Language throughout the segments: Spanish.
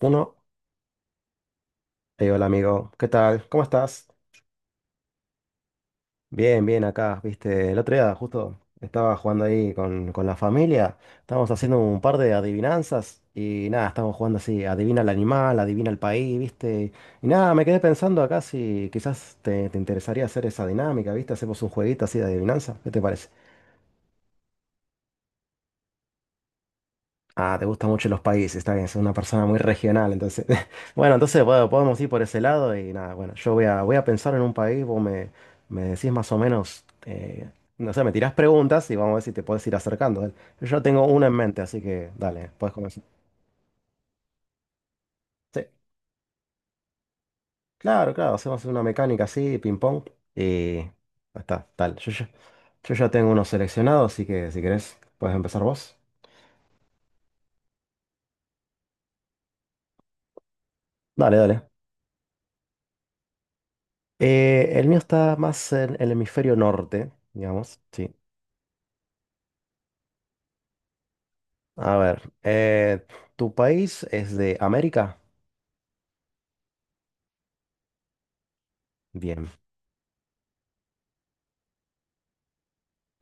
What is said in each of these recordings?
Uno, hola amigo, ¿qué tal? ¿Cómo estás? Bien, bien acá, viste, el otro día justo estaba jugando ahí con la familia, estábamos haciendo un par de adivinanzas y nada, estábamos jugando así, adivina el animal, adivina el país, viste, y nada, me quedé pensando acá si quizás te interesaría hacer esa dinámica, viste, hacemos un jueguito así de adivinanza, ¿qué te parece? Ah, te gustan mucho los países, está bien, es una persona muy regional, entonces. Bueno, entonces bueno, podemos ir por ese lado y nada, bueno, voy a pensar en un país, vos me, me decís más o menos, no sé, me tirás preguntas y vamos a ver si te puedes ir acercando. Yo tengo una en mente, así que dale, puedes comenzar. Sí, claro, hacemos una mecánica así, ping-pong, y ya está, tal. Yo ya tengo unos seleccionados, así que si querés, puedes empezar vos. Dale, dale. El mío está más en el hemisferio norte, digamos, sí. A ver, ¿tu país es de América? Bien.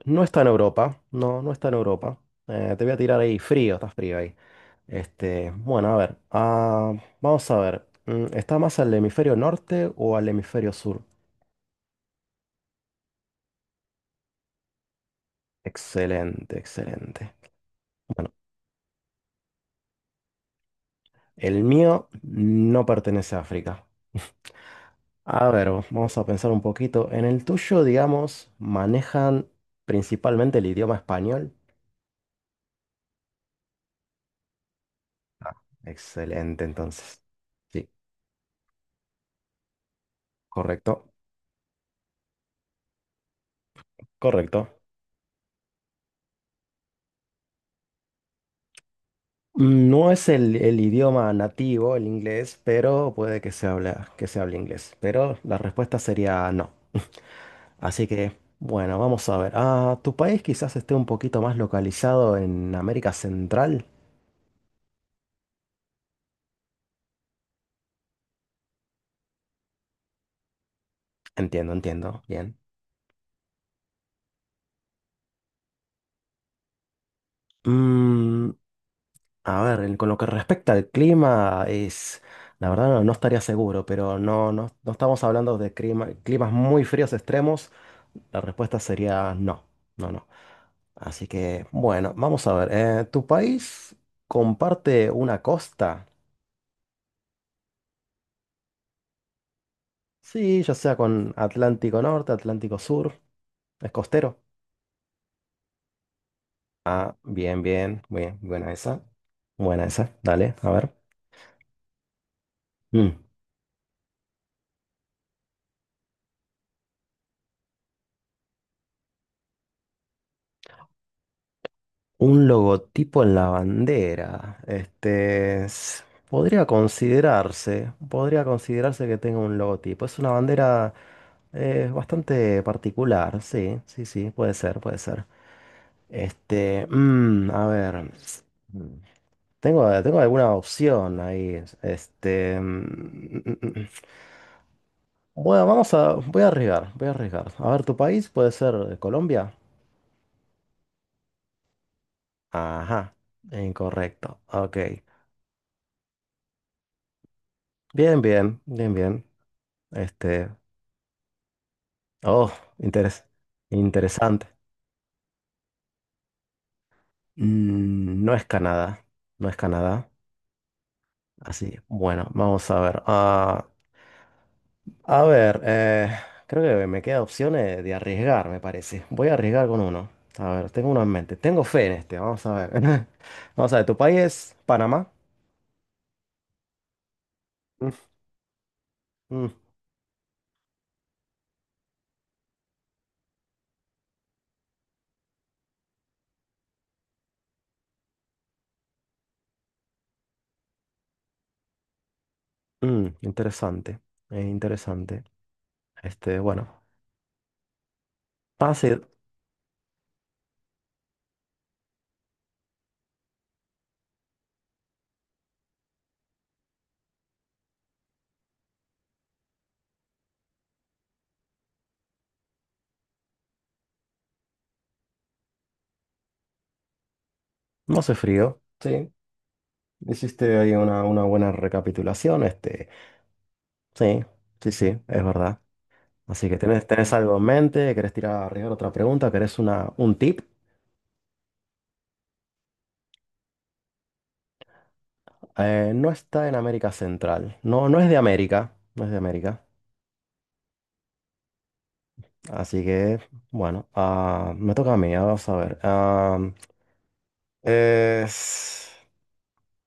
No está en Europa, no está en Europa. Te voy a tirar ahí frío, está frío ahí. Este, bueno, a ver, vamos a ver. ¿Está más al hemisferio norte o al hemisferio sur? Excelente, excelente. Bueno, el mío no pertenece a África. A ver, vamos a pensar un poquito. En el tuyo, digamos, manejan principalmente el idioma español. Excelente, entonces. Sí. Correcto, correcto. No es el idioma nativo, el inglés, pero puede que se habla, que se hable inglés. Pero la respuesta sería no. Así que, bueno, vamos a ver. Ah, tu país quizás esté un poquito más localizado en América Central. Entiendo, entiendo. Bien. Mm, A ver, con lo que respecta al clima, es, la verdad no, no estaría seguro, pero no, no, no estamos hablando de climas muy fríos extremos. La respuesta sería no, no, no. Así que, bueno, vamos a ver. ¿Tu país comparte una costa? Sí, ya sea con Atlántico Norte, Atlántico Sur, es costero. Ah, bien, bien, bien, buena esa. Buena esa, dale, a ver. Mm. Un logotipo en la bandera. Podría considerarse que tenga un logotipo. Es una bandera bastante particular, sí, sí, sí, puede ser, puede ser. A ver, mm, tengo, tengo alguna opción ahí. Bueno, vamos a, voy a arriesgar, voy a arriesgar. A ver, tu país puede ser Colombia. Ajá, incorrecto. Ok. Bien, bien, bien, bien. Este, oh, interes- interesante. No es Canadá, no es Canadá. Así, bueno, vamos a ver. Ah, a ver, creo que me queda opciones de arriesgar, me parece. Voy a arriesgar con uno. A ver, tengo uno en mente. Tengo fe en este, vamos a ver. Vamos a ver, ¿tu país es Panamá? Mm. Mm, interesante, interesante. Este, bueno, hace, no hace frío. Sí, hiciste ahí una buena recapitulación. Este, sí, sí, sí, es verdad. Así que tenés, tenés algo en mente, querés tirar arriba otra pregunta, querés una, un tip. No está en América Central. No, no es de América. No es de América. Así que, bueno, ah, me toca a mí, ah, vamos a ver. Ah, es-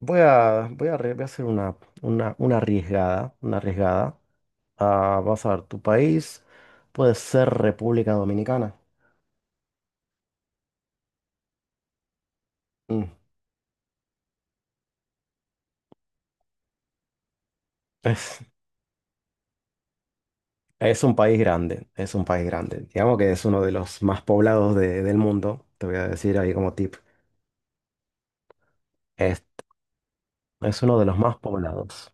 voy a, voy a hacer una arriesgada. Una arriesgada. Ah, vas a ver, tu país puede ser República Dominicana. Mm, es- Es un país grande, es un país grande. Digamos que es uno de los más poblados del mundo. Te voy a decir ahí como tip. Es, es uno de los más poblados.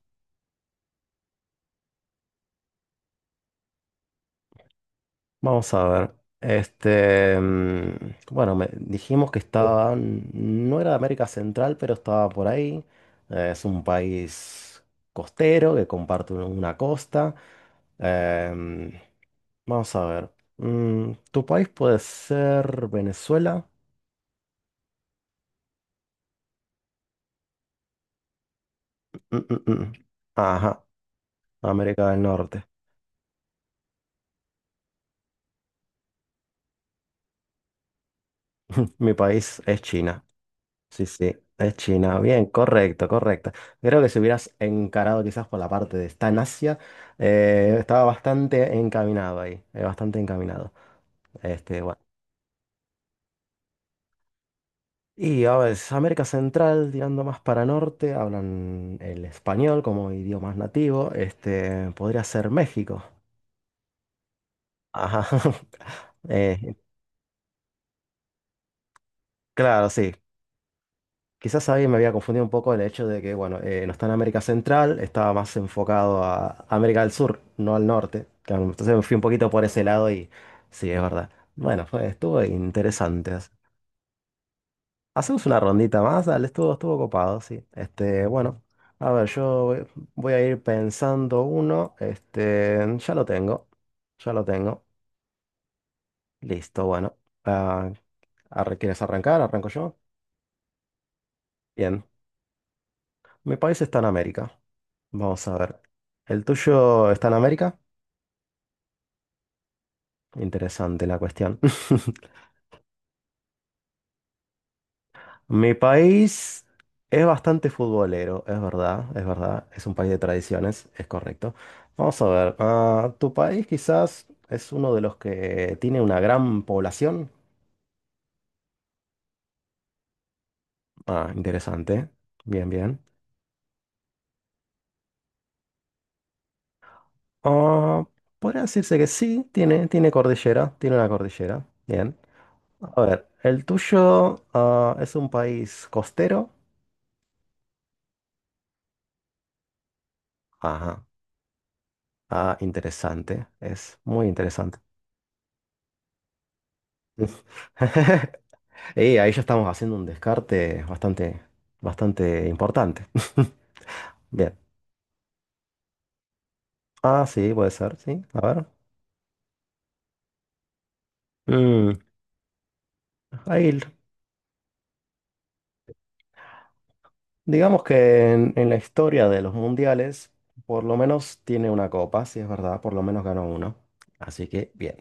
Vamos a ver. Bueno, dijimos que estaba, no era de América Central, pero estaba por ahí. Es un país costero que comparte una costa. Em, vamos a ver. Mm, ¿tu país puede ser Venezuela? Mm, mm, mm. Ajá, América del Norte. Mi país es China. Sí, sí, es China. Bien, correcto, correcto. Creo que si hubieras encarado quizás por la parte de está en Asia, estaba bastante encaminado ahí, bastante encaminado. Este, bueno. Y a ver, es América Central, tirando más para norte, hablan el español como idioma nativo. Este, podría ser México. Ajá. Eh, claro, sí. Quizás ahí me había confundido un poco el hecho de que, bueno, no está en América Central, estaba más enfocado a América del Sur, no al norte. Claro, entonces me fui un poquito por ese lado y sí, es verdad. Bueno, fue, estuvo interesante. Hacemos una rondita más, dale, estuvo, estuvo copado, sí. Este, bueno, a ver, yo voy, voy a ir pensando uno, este, ya lo tengo, listo, bueno. Ah, ¿quieres arrancar? Arranco yo. Bien, mi país está en América. Vamos a ver. ¿El tuyo está en América? Interesante la cuestión. Mi país es bastante futbolero, es verdad, es verdad. Es un país de tradiciones, es correcto. Vamos a ver. ¿Tu país quizás es uno de los que tiene una gran población? Ah, interesante. Bien, bien. Ah, podría decirse que sí, tiene, tiene cordillera, tiene una cordillera. Bien. A ver, ¿el tuyo, ah, es un país costero? Ajá. Ah, interesante. Es muy interesante. Y ahí ya estamos haciendo un descarte bastante, bastante importante. Bien. Ah, sí, puede ser, sí. A ver. Mm, ahí, digamos que en la historia de los mundiales, por lo menos tiene una copa, si es verdad, por lo menos ganó uno. Así que, bien.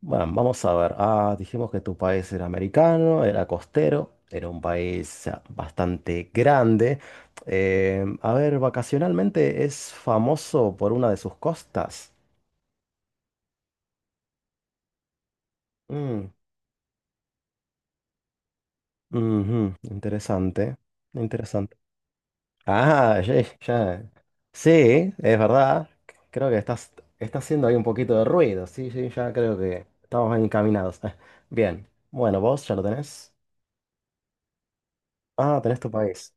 Bueno, vamos a ver. Ah, dijimos que tu país era americano, era costero, era un país ah, bastante grande. A ver, vacacionalmente es famoso por una de sus costas. Mm, interesante, interesante. Ah, ya, ya. Sí, es verdad. Creo que estás, está haciendo ahí un poquito de ruido. Sí, sí, ya creo que estamos encaminados. Bien, bueno, vos ya lo tenés. Ah, tenés tu país.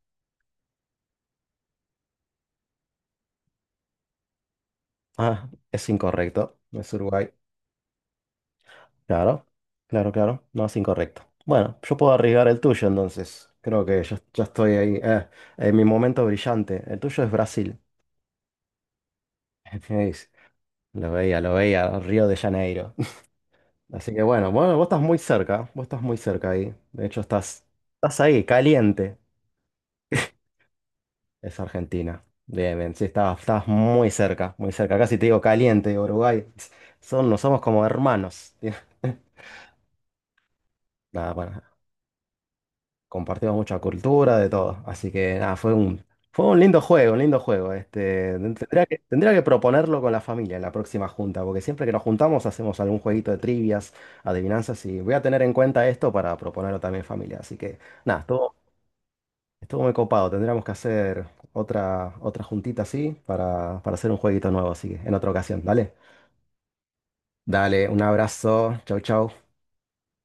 Ah, es incorrecto. Es Uruguay. Claro, claro, claro. No es incorrecto. Bueno, yo puedo arriesgar el tuyo entonces. Creo que ya, ya estoy ahí. Eh, en mi momento brillante. El tuyo es Brasil. ¿Veis? Lo veía, lo veía. Río de Janeiro. Así que bueno, bueno, vos estás muy cerca. Vos estás muy cerca ahí. De hecho, estás, estás ahí, caliente. Es Argentina. Bien, bien. Sí, estás, estás muy cerca, muy cerca. Casi te digo caliente, Uruguay. Son, no somos como hermanos. Nada, bueno, compartimos mucha cultura, de todo. Así que nada, fue un lindo juego, un lindo juego. Este, tendría que proponerlo con la familia en la próxima junta, porque siempre que nos juntamos hacemos algún jueguito de trivias, adivinanzas, y voy a tener en cuenta esto para proponerlo también en familia. Así que nada, estuvo, estuvo muy copado. Tendríamos que hacer otra, otra juntita así para hacer un jueguito nuevo, así que en otra ocasión, dale. Dale, un abrazo. Chau, chau.